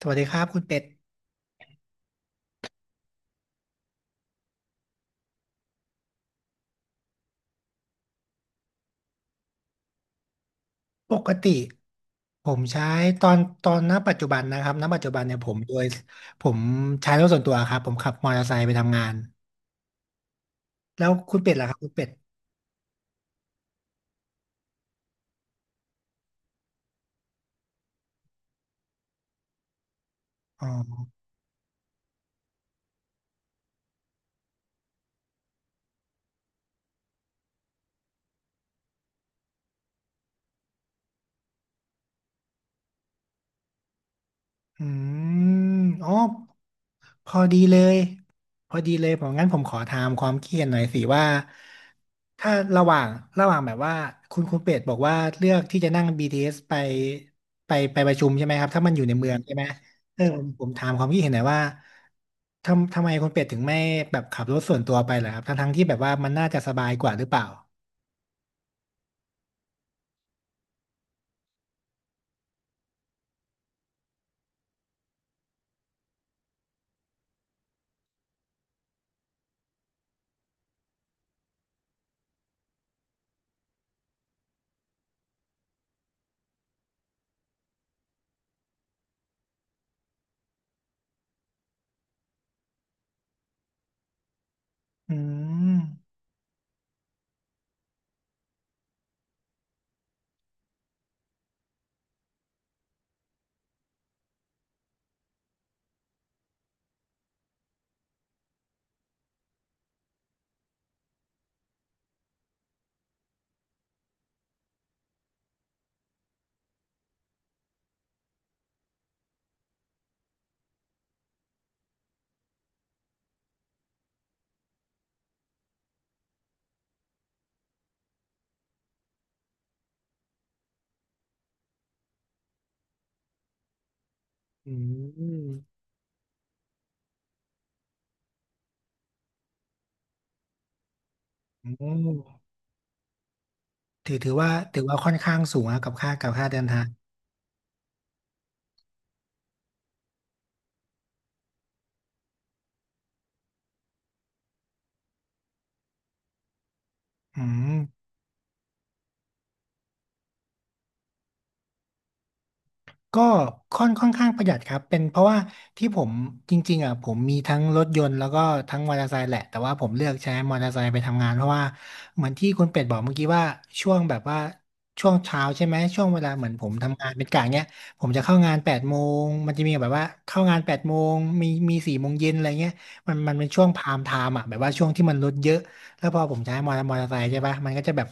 สวัสดีครับคุณเป็ดปกติผมใช้ตอนตอนณปัจจุบันนะครับณปัจจุบันเนี่ยผมโดยผมใช้รถส่วนตัวครับผมขับมอเตอร์ไซค์ไปทำงานแล้วคุณเป็ดล่ะครับคุณเป็ดอ๋อ อืมอ๋อพอดีเลยพอดีเลยผมงั้นผมขอถามความเคิดเห็นหน่อยสิว่าถ้าระหว่างระหว่างแบบว่าคุณเป็ดบอกว่าเลือกที่จะนั่งBTS ไปไปประชุมใช่ไหมครับถ้ามันอยู่ในเมืองใช่ไหมเออผมถามความคิดเห็นหน่อยว่าทำไมคุณเป็ดถึงไม่แบบขับรถส่วนตัวไปเหรอครับทั้งที่แบบว่ามันน่าจะสบายกว่าหรือเปล่าอืมอืมอืมถือว่าค่อนข้างสูงนะกับค่าเดินทาง อืมก็ค่อนข้างประหยัดครับเป็นเพราะว่าที่ผมจริงๆอ่ะผมมีทั้งรถยนต์แล้วก็ทั้งมอเตอร์ไซค์แหละแต่ว่าผมเลือกใช้มอเตอร์ไซค์ไปทำงานเพราะว่าเหมือนที่คุณเป็ดบอกเมื่อกี้ว่าช่วงแบบว่าช่วงเช้าใช่ไหมช่วงเวลาเหมือนผมทำงานเป็นกะเนี้ยผมจะเข้างานแปดโมงมันจะมีแบบว่าเข้างานแปดโมงมี4 โมงเย็นอะไรเงี้ยมันเป็นช่วงพามไทม์อ่ะแบบว่าช่วงที่มันรถเยอะ แล้วพอผมใช้มอเตอร์ไซค์ใช่ปะมันก็จะแบบ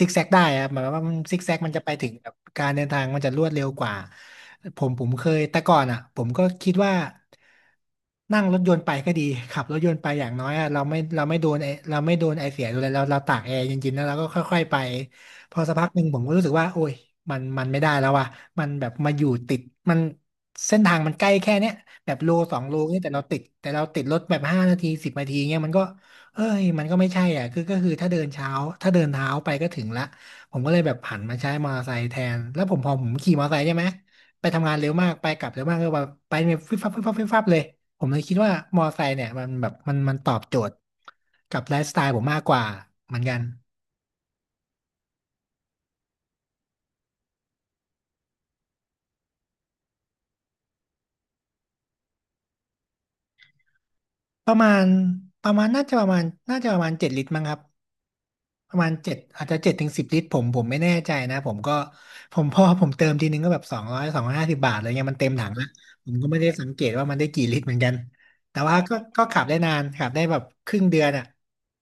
ซิกแซกได้ครับหมายความว่ามันซิกแซกมันจะไปถึงแบบการเดินทางมันจะรวดเร็วกว่าผมเคยแต่ก่อนอ่ะผมก็คิดว่านั่งรถยนต์ไปก็ดีขับรถยนต์ไปอย่างน้อยอะเราไม่โดนไอเสียดูเลยเราตากแอร์เย็นๆแล้วเราก็ค่อยๆไปพอสักพักหนึ่งผมก็รู้สึกว่าโอ้ยมันไม่ได้แล้วว่ะมันแบบมาอยู่ติดมันเส้นทางมันใกล้แค่เนี้ยแบบโลสองโลนี่แต่เราติดรถแบบ5 นาที10 นาทีเงี้ยมันก็ เอ้ยมันก็ไม่ใช่อ่ะคือก็คือถ้าเดินเท้าไปก็ถึงละผมก็เลยแบบผันมาใช้มอเตอร์ไซค์แทนแล้วพอผมขี่มอเตอร์ไซค์ใช่ไหมไปทำงานเร็วมากไปกลับเร็วมากก็แบบไปเนี่ยฟิบฟับฟิบฟับฟิบฟับเลยผมเลยคิดว่ามอเตอร์ไซค์เนี่ยมันแบบมันตอบโจทย์กับไลฟ์สไตล์ผมมากกว่าเหมือนกัน ประมาณประมาณน่าจะประมาณน่าจะประมาณ7 ลิตรมั้งครับประมาณเจ็ดอาจจะ7 ถึง 10 ลิตรผมไม่แน่ใจนะผมก็พอผมเติมทีนึงก็แบบสองร้อย250 บาทอะไรเงี้ยมันเต็มถังแล้วผมก็ไม่ได้สังเกตว่ามันได้กี่ลิตรเหมือนกันแต่ว่าก็ขับได้นานขับได้แบบครึ่งเดือนอ่ะ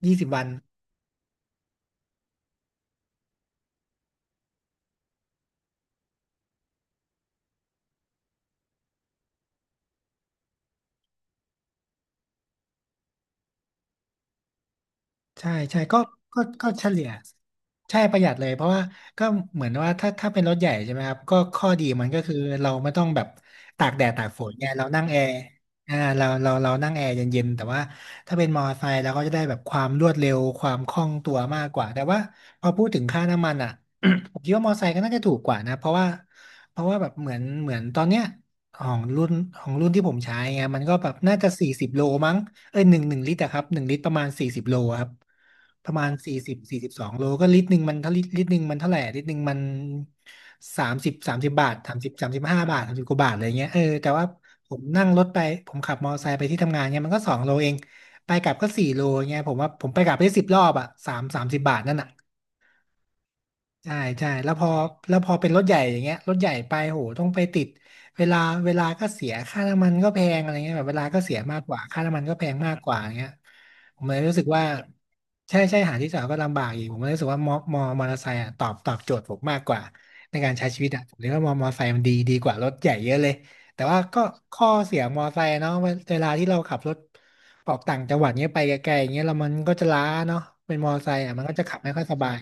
20 วัน ใช่ใช่ก็เฉลี่ยใช่ประหยัดเลยเพราะว่าก็เหมือนว่าถ้าเป็นรถใหญ่ใช่ไหมครับก็ข้อดีมันก็คือเราไม่ต้องแบบตากแดดตากฝนไงเรานั่งแอร์อ่าเราเรานั่งแอร์เย็นๆแต่ว่าถ้าเป็นมอเตอร์ไซค์เราก็จะได้แบบความรวดเร็วความคล่องตัวมากกว่าแต่ว่าพอพูดถึงค่าน้ำมันอ่ะ ผมคิดว่ามอเตอร์ไซค์ก็น่าจะถูกกว่านะเพราะว่าแบบเหมือนตอนเนี้ยของรุ่นของรุ่นที่ผมใช้ไงมันก็แบบน่าจะสี่สิบโลมั้ง เอ้ยหนึ่งลิตรอะครับหนึ่งลิตรประมาณสี่สิบโลครับประมาณสี่สิบสองโลก็ลิตรหนึ่งมันถ้าลิตรหนึ่งมันเท่าไหร่ลิตรหนึ่งมันสามสิบบาท35 บาท30 กว่าบาทอะไรเงี้ยเออแต่ว่าผมนั่งรถไปผมขับมอเตอร์ไซค์ไปที่ทำงานเนี่ยมันก็สองโลเองไปกลับก็สี่โลเงี้ยผมว่าผมไปกลับได้10 รอบอะสามสิบบาทนั่นอะ ใช่ใช่แล้วพอเป็นรถใหญ่อย่างเงี้ยรถใหญ่ไปโหต้องไปติดเวลาเวลาก็เสียค่าน้ำมันก็แพงอะไรเงี้ยแบบเวลาก็เสียมากกว่าค่าน้ำมันก็แพงมากกว่าอย่างเงี้ยผมเลยรู้สึกว่าใช่ใช่หาที่จอดก็ลำบากอีกผมเลยรู้สึกว่ามอเตอร์ไซค์อะตอบโจทย์ผมมากกว่าในการใช้ชีวิตอะผมเลยว่ามอเตอร์ไซค์มันดีกว่ารถใหญ่เยอะเลยแต่ว่าก็ข้อเสียมอเตอร์ไซค์เนาะเวลาที่เราขับรถออกต่างจังหวัดเงี้ยไปไกลๆอย่างเงี้ยแล้วมันก็จะล้าเนาะเป็นมอเตอร์ไซค์อะมันก็จะขับไม่ค่อยสบาย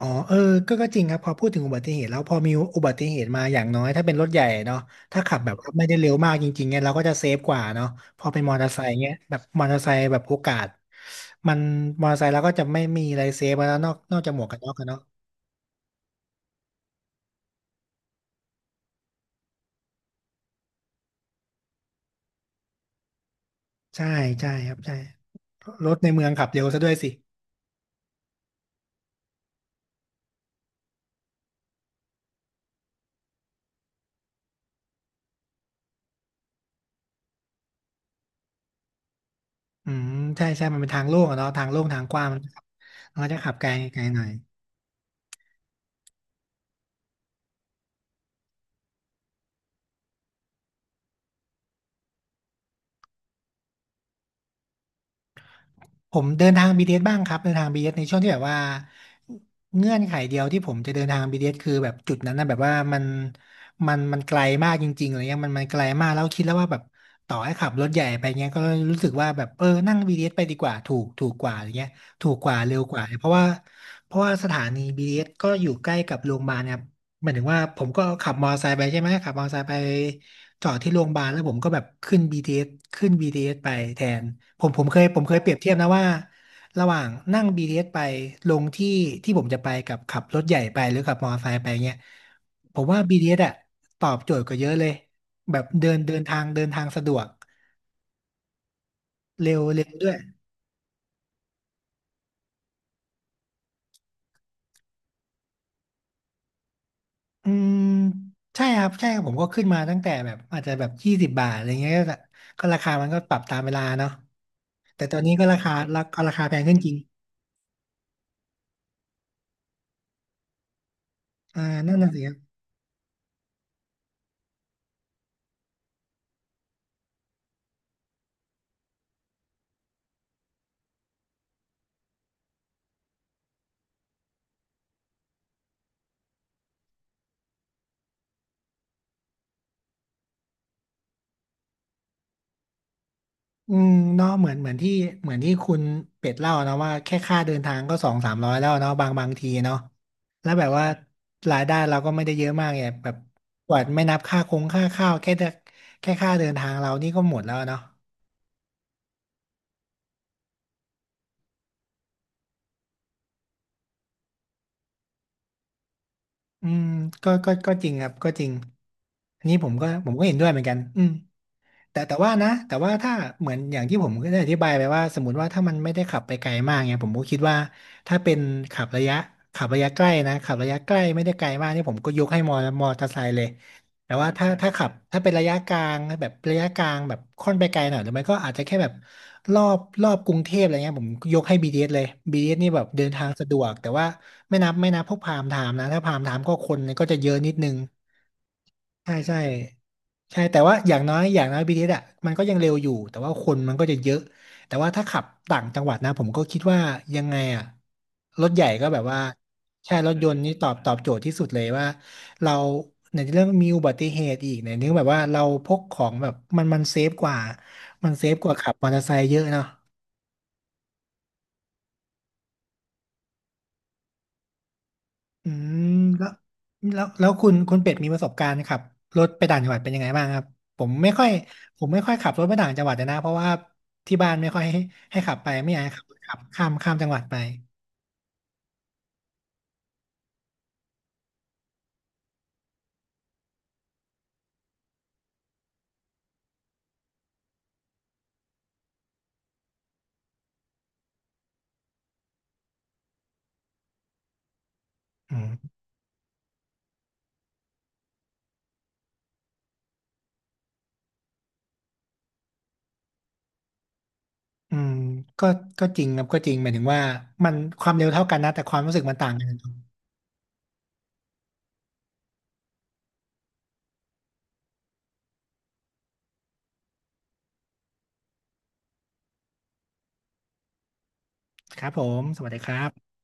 อ๋อเออก็จริงครับ พอพูดถึงอุบัติเหตุแล้วพอมีอุบัติเหตุมาอย่างน้อยถ้าเป็นรถใหญ่เนาะถ้าขับแบบว่าไม่ได้เร็วมากจริงๆเนี่ยเราก็จะเซฟกว่าเนาะพอเป็นมอเตอร์ไซค์เนี่ยแบบมอเตอร์ไซค์แบบโอกาสมันมอเตอร์ไซค์เราก็จะไม่มีอะไรเซฟแล้วนอกจากหมวกกันน็อกกันเนาะใช่ใช่ครับใช่รถในเมืองขับเร็วซะด้วยสิอืมใช่ใช่มันเป็นทางโล่งอะเนาะทางโล่งทางกว้างมันก็ขับมันก็จะขับไกลไกลหน่อย ผมเดินทางบีทีเอสบ้างครับเดินทาง BTS ในช่วงที่แบบว่าเงื่อนไขเดียวที่ผมจะเดินทาง BTS คือแบบจุดนั้นนะแบบว่ามันไกลมากจริงๆอะไรเงี้ยมันไกลมากแล้วคิดแล้วว่าแบบต่อให้ขับรถใหญ่ไปเงี้ยก็รู้สึกว่าแบบเออนั่ง BTS ไปดีกว่าถูกกว่าอะไรเงี้ยถูกกว่าเร็วกว่าเพราะว่าสถานี BTS ก็อยู่ใกล้กับโรงพยาบาลเนี่ย หมายถึงว่าผมก็ขับมอเตอร์ไซค์ไปใช่ไหมขับมอเตอร์ไซค์ไปจอดที่โรงพยาบาลแล้วผมก็แบบขึ้น BTS ขึ้น BTS ไปแทนผมเคยเปรียบเทียบนะว่าระหว่างนั่ง BTS ไปลงที่ที่ผมจะไปกับขับรถใหญ่ไปหรือขับมอเตอร์ไซค์ไปเงี้ยผมว่า BTS อสอะตอบโจทย์กว่าเยอะเลยแบบเดินเดินทางเดินทางสะดวกเร็วเร็วด้วย อืมใช่ครับใช่ครับผมก็ขึ้นมาตั้งแต่แบบอาจจะแบบ20 บาทอะไรเงี้ยก็ราคามันก็ปรับตามเวลาเนาะแต่ตอนนี้ก็ราคาราก็ราคาแพงขึ้นจริงอ่านั่นน่ะสิครับอืมเนาะเหมือนเหมือนที่เหมือนที่คุณเป็ดเล่านะว่าแค่ค่าเดินทางก็สองสามร้อยแล้วเนาะบางทีเนาะแล้วแบบว่ารายได้เราก็ไม่ได้เยอะมากไงแบบกว่าไม่นับค่าคงค่าข้าวแค่ค่าเดินทางเรานี่ก็หมดแล้วเนาะ อืมก็จริงครับก็จริงอันนี้ผมก็เห็นด้วยเหมือนกันอืมแต่ว่านะแต่ว่าถ้าเหมือนอย่างที่ผมก็ได้อธิบายไปว่าสมมติว่าถ้ามันไม่ได้ขับไปไกลมากเนี่ยผมก็คิดว่าถ้าเป็นขับระยะขับระยะใกล้นะขับระยะใกล้ไม่ได้ไกลมากนี่ผมก็ยกให้มอเตอร์ไซค์เลย แต่ว่าถ้าเป็นระยะกลางแบบระยะกลางแบบค่อนไปไกลหน่อยหรือไม่ก็อาจจะแค่แบบรอบกรุงเทพอะไรเงี้ยผมยกให้ BTS เอสเลย b t สนี่แบบเดินทางสะดวกแต่ว่าไม่นับพวกพามไทม์นะถ้าพามไทม์ก็คนก็จะเยอะนิดนึงใช่ใช่ใช่แต่ว่าอย่างน้อย BTS อสอ่ะมันก็ยังเร็วอยู่แต่ว่าคนมันก็จะเยอะ แต่ว่าถ้าขับต่างจังหวัดนะผมก็คิดว่ายังไงอะรถใหญ่ก็แบบว่าใช่รถยนต์นี่ตอบโจทย์ที่สุดเลยว่าเราในเรื่องมีอุบัติเหตุอีกในเรื่องแบบว่าเราพกของแบบมันเซฟกว่ามันเซฟกว่าขับมอเตอร์ไซค์เยอะเนาะอืมแล้วแล้วคุณเป็ดมีประสบการณ์ขับรถไปต่างจังหวัดเป็นยังไงบ้างครับผมไม่ค่อยผมไม่ค่อยขับรถไปต่างจังหวัดเลยนะเพราะว่าที่บ้านไม่ค่อยให้ขับไปไม่อยากให้ขับข้ามจังหวัดไปอื อืมก็ก็จริงครับก็จริงหมายถึงว่ามันความเร็วเท่ากันนะแต่ความรู้สึกมันต่างกันครับผมสวัสดีครับ